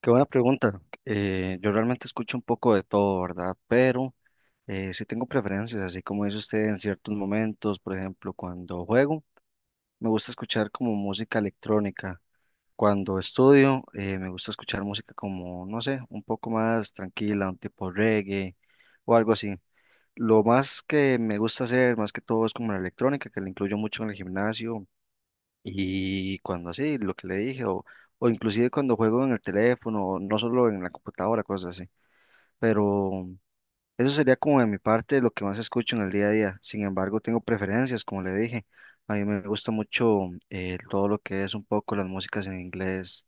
Qué buena pregunta. Yo realmente escucho un poco de todo, ¿verdad? Pero sí tengo preferencias, así como dice usted en ciertos momentos, por ejemplo, cuando juego, me gusta escuchar como música electrónica. Cuando estudio, me gusta escuchar música como, no sé, un poco más tranquila, un tipo reggae o algo así. Lo más que me gusta hacer, más que todo, es como la electrónica, que la incluyo mucho en el gimnasio y cuando así, lo que le dije, o inclusive cuando juego en el teléfono, no solo en la computadora, cosas así. Pero eso sería como de mi parte lo que más escucho en el día a día. Sin embargo, tengo preferencias, como le dije. A mí me gusta mucho todo lo que es un poco las músicas en inglés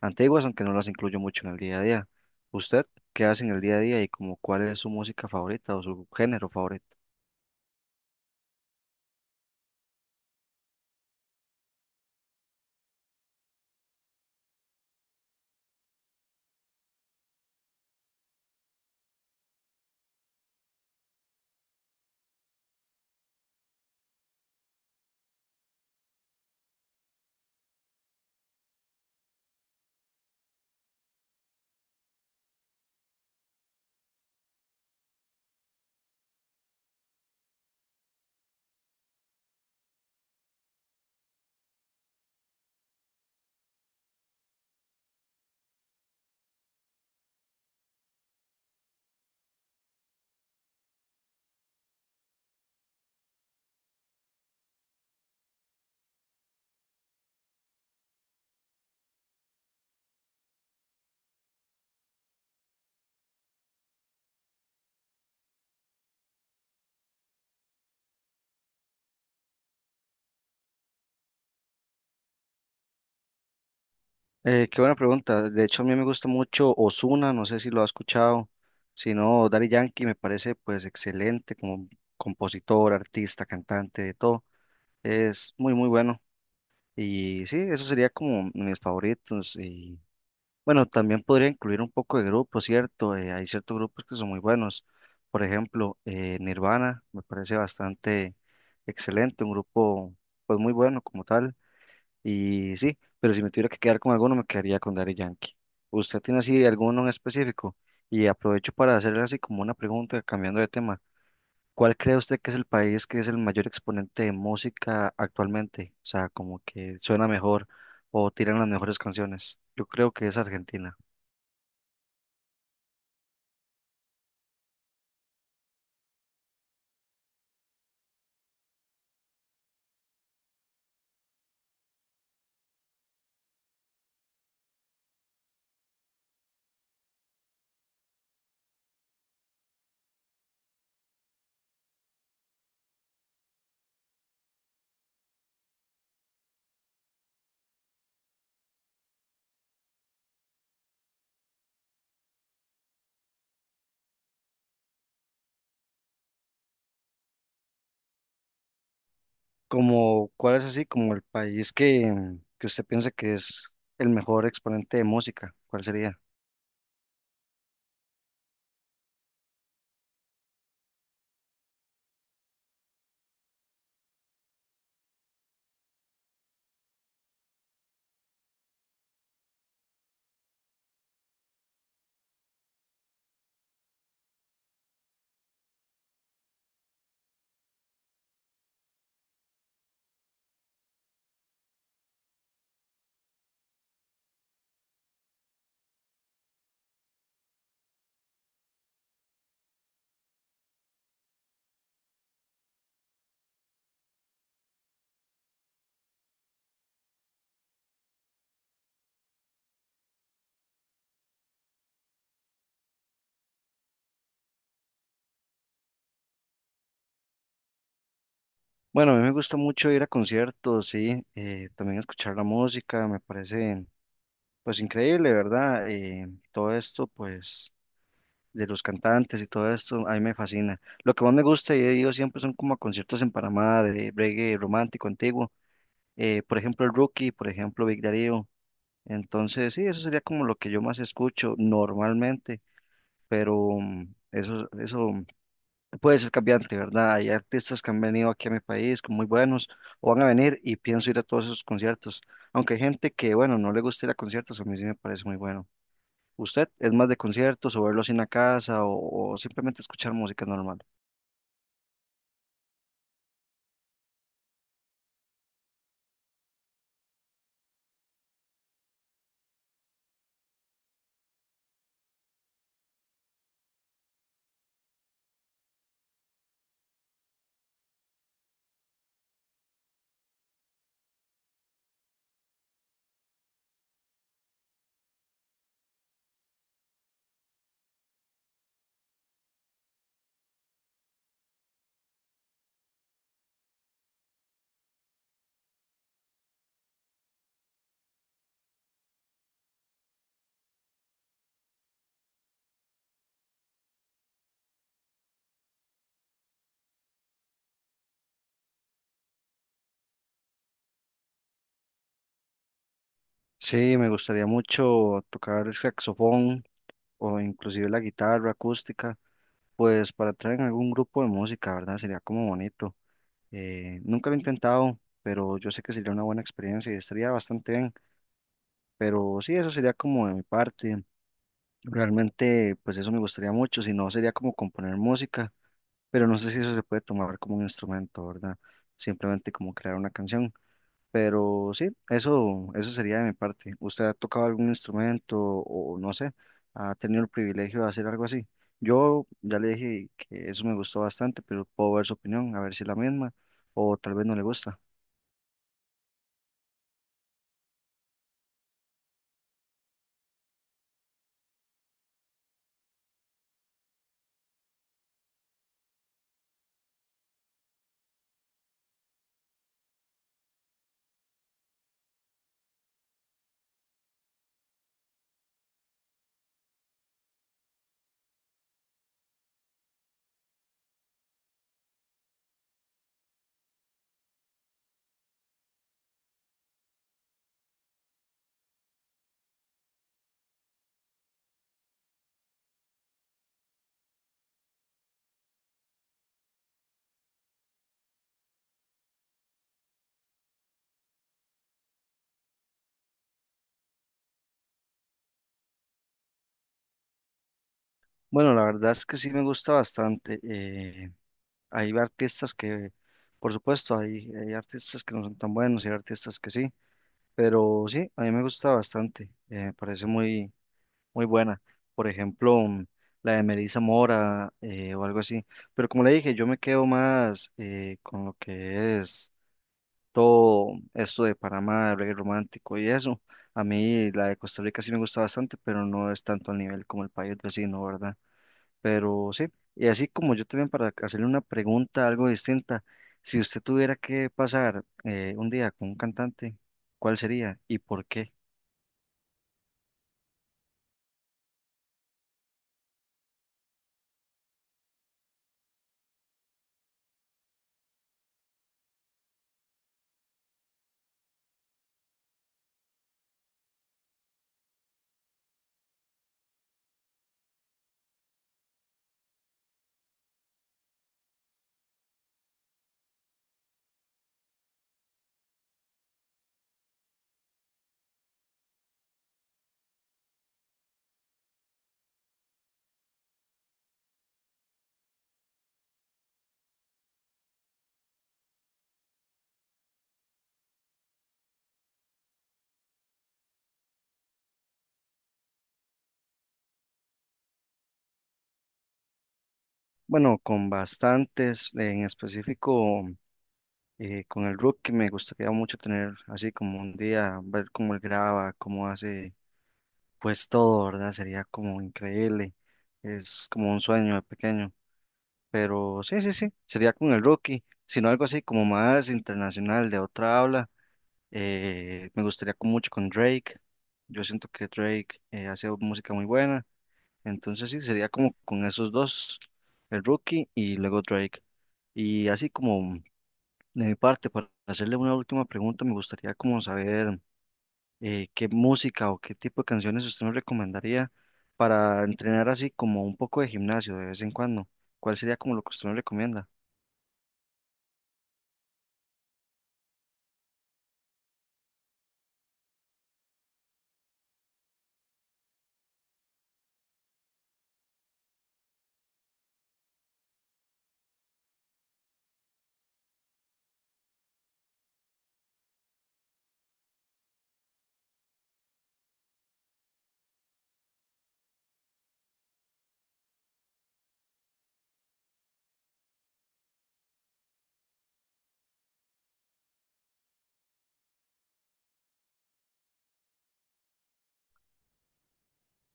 antiguas, aunque no las incluyo mucho en el día a día. ¿Usted qué hace en el día a día y como cuál es su música favorita o su género favorito? Qué buena pregunta. De hecho, a mí me gusta mucho Ozuna, no sé si lo ha escuchado. Si no, Daddy Yankee me parece pues excelente como compositor, artista, cantante, de todo. Es muy, muy bueno. Y sí, eso sería como mis favoritos. Y bueno, también podría incluir un poco de grupos, ¿cierto? Hay ciertos grupos que son muy buenos. Por ejemplo, Nirvana me parece bastante excelente, un grupo pues muy bueno como tal. Y sí, pero si me tuviera que quedar con alguno, me quedaría con Daddy Yankee. ¿Usted tiene así alguno en específico? Y aprovecho para hacerle así como una pregunta, cambiando de tema. ¿Cuál cree usted que es el país que es el mayor exponente de música actualmente? O sea, como que suena mejor o tiran las mejores canciones. Yo creo que es Argentina. Como, ¿cuál es así como el país que usted piensa que es el mejor exponente de música? ¿Cuál sería? Bueno, a mí me gusta mucho ir a conciertos, sí, también escuchar la música, me parece pues increíble, ¿verdad? Todo esto pues de los cantantes y todo esto, a mí me fascina. Lo que más me gusta y he ido siempre son como a conciertos en Panamá de reggae romántico antiguo, por ejemplo el Rookie, por ejemplo Big Darío. Entonces, sí, eso sería como lo que yo más escucho normalmente, pero mm, eso puede ser cambiante, ¿verdad? Hay artistas que han venido aquí a mi país como muy buenos o van a venir y pienso ir a todos esos conciertos. Aunque hay gente que, bueno, no le gusta ir a conciertos, a mí sí me parece muy bueno. ¿Usted es más de conciertos o verlos en la casa o simplemente escuchar música normal? Sí, me gustaría mucho tocar el saxofón o inclusive la guitarra acústica, pues para traer en algún grupo de música, ¿verdad? Sería como bonito. Nunca lo he intentado, pero yo sé que sería una buena experiencia y estaría bastante bien. Pero sí, eso sería como de mi parte. Realmente, pues eso me gustaría mucho, si no sería como componer música, pero no sé si eso se puede tomar como un instrumento, ¿verdad? Simplemente como crear una canción. Pero sí, eso sería de mi parte. ¿Usted ha tocado algún instrumento o no sé, ha tenido el privilegio de hacer algo así? Yo ya le dije que eso me gustó bastante, pero puedo ver su opinión, a ver si es la misma o tal vez no le gusta. Bueno, la verdad es que sí me gusta bastante. Hay artistas que, por supuesto, hay artistas que no son tan buenos y hay artistas que sí, pero sí, a mí me gusta bastante, me parece muy, muy buena. Por ejemplo, la de Melissa Mora o algo así. Pero como le dije, yo me quedo más con lo que es todo esto de Panamá, el reggae romántico y eso. A mí la de Costa Rica sí me gusta bastante, pero no es tanto al nivel como el país vecino, ¿verdad? Pero sí, y así como yo también para hacerle una pregunta algo distinta, si usted tuviera que pasar un día con un cantante, ¿cuál sería y por qué? Bueno, con bastantes, en específico con el Rookie me gustaría mucho tener así como un día, ver cómo él graba, cómo hace pues todo, ¿verdad? Sería como increíble, es como un sueño de pequeño, pero sí, sería con el Rookie, sino algo así como más internacional, de otra habla. Me gustaría mucho con Drake. Yo siento que Drake hace música muy buena. Entonces sí, sería como con esos dos, el Rookie y luego Drake. Y así como de mi parte, para hacerle una última pregunta, me gustaría como saber qué música o qué tipo de canciones usted nos recomendaría para entrenar así como un poco de gimnasio de vez en cuando. ¿Cuál sería como lo que usted nos recomienda?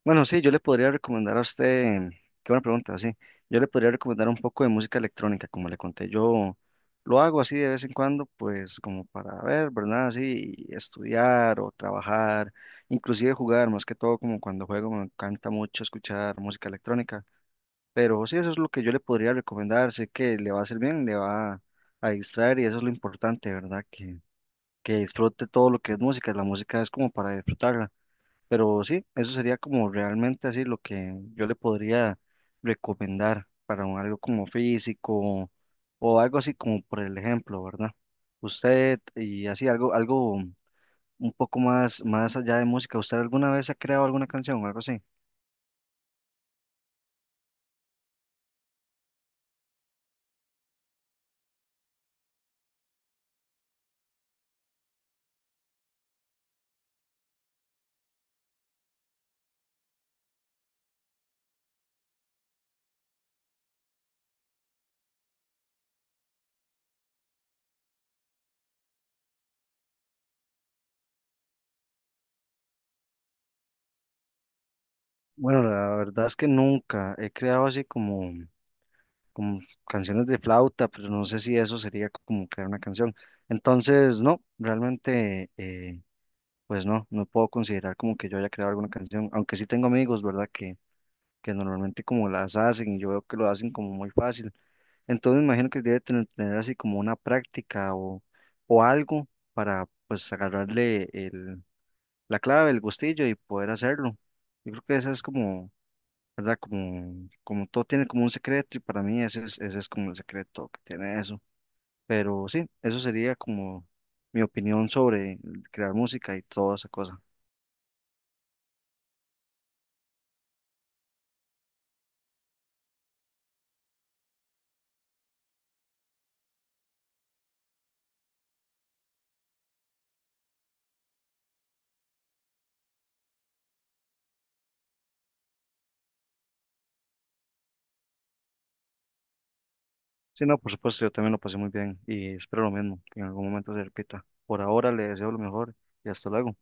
Bueno, sí, yo le podría recomendar a usted, qué buena pregunta, sí, yo le podría recomendar un poco de música electrónica, como le conté, yo lo hago así de vez en cuando, pues como para ver, ¿verdad? Así, y estudiar o trabajar, inclusive jugar, más que todo como cuando juego me encanta mucho escuchar música electrónica, pero sí, eso es lo que yo le podría recomendar, sé que le va a hacer bien, le va a distraer y eso es lo importante, ¿verdad? Que disfrute todo lo que es música, la música es como para disfrutarla. Pero sí, eso sería como realmente así lo que yo le podría recomendar para algo como físico o algo así como por el ejemplo, ¿verdad? Usted y así algo un poco más, más allá de música, ¿usted alguna vez ha creado alguna canción o algo así? Bueno, la verdad es que nunca he creado así como canciones de flauta, pero no sé si eso sería como crear una canción. Entonces, no, realmente pues no, no puedo considerar como que yo haya creado alguna canción, aunque sí tengo amigos, ¿verdad? Que normalmente como las hacen y yo veo que lo hacen como muy fácil. Entonces me imagino que debe tener así como una práctica o algo para pues agarrarle la clave, el gustillo y poder hacerlo. Yo creo que esa es como, ¿verdad? Como todo tiene como un secreto y para mí ese ese es como el secreto que tiene eso. Pero sí, eso sería como mi opinión sobre crear música y toda esa cosa. Sí, no, por supuesto, yo también lo pasé muy bien y espero lo mismo, que en algún momento se repita. Por ahora le deseo lo mejor y hasta luego.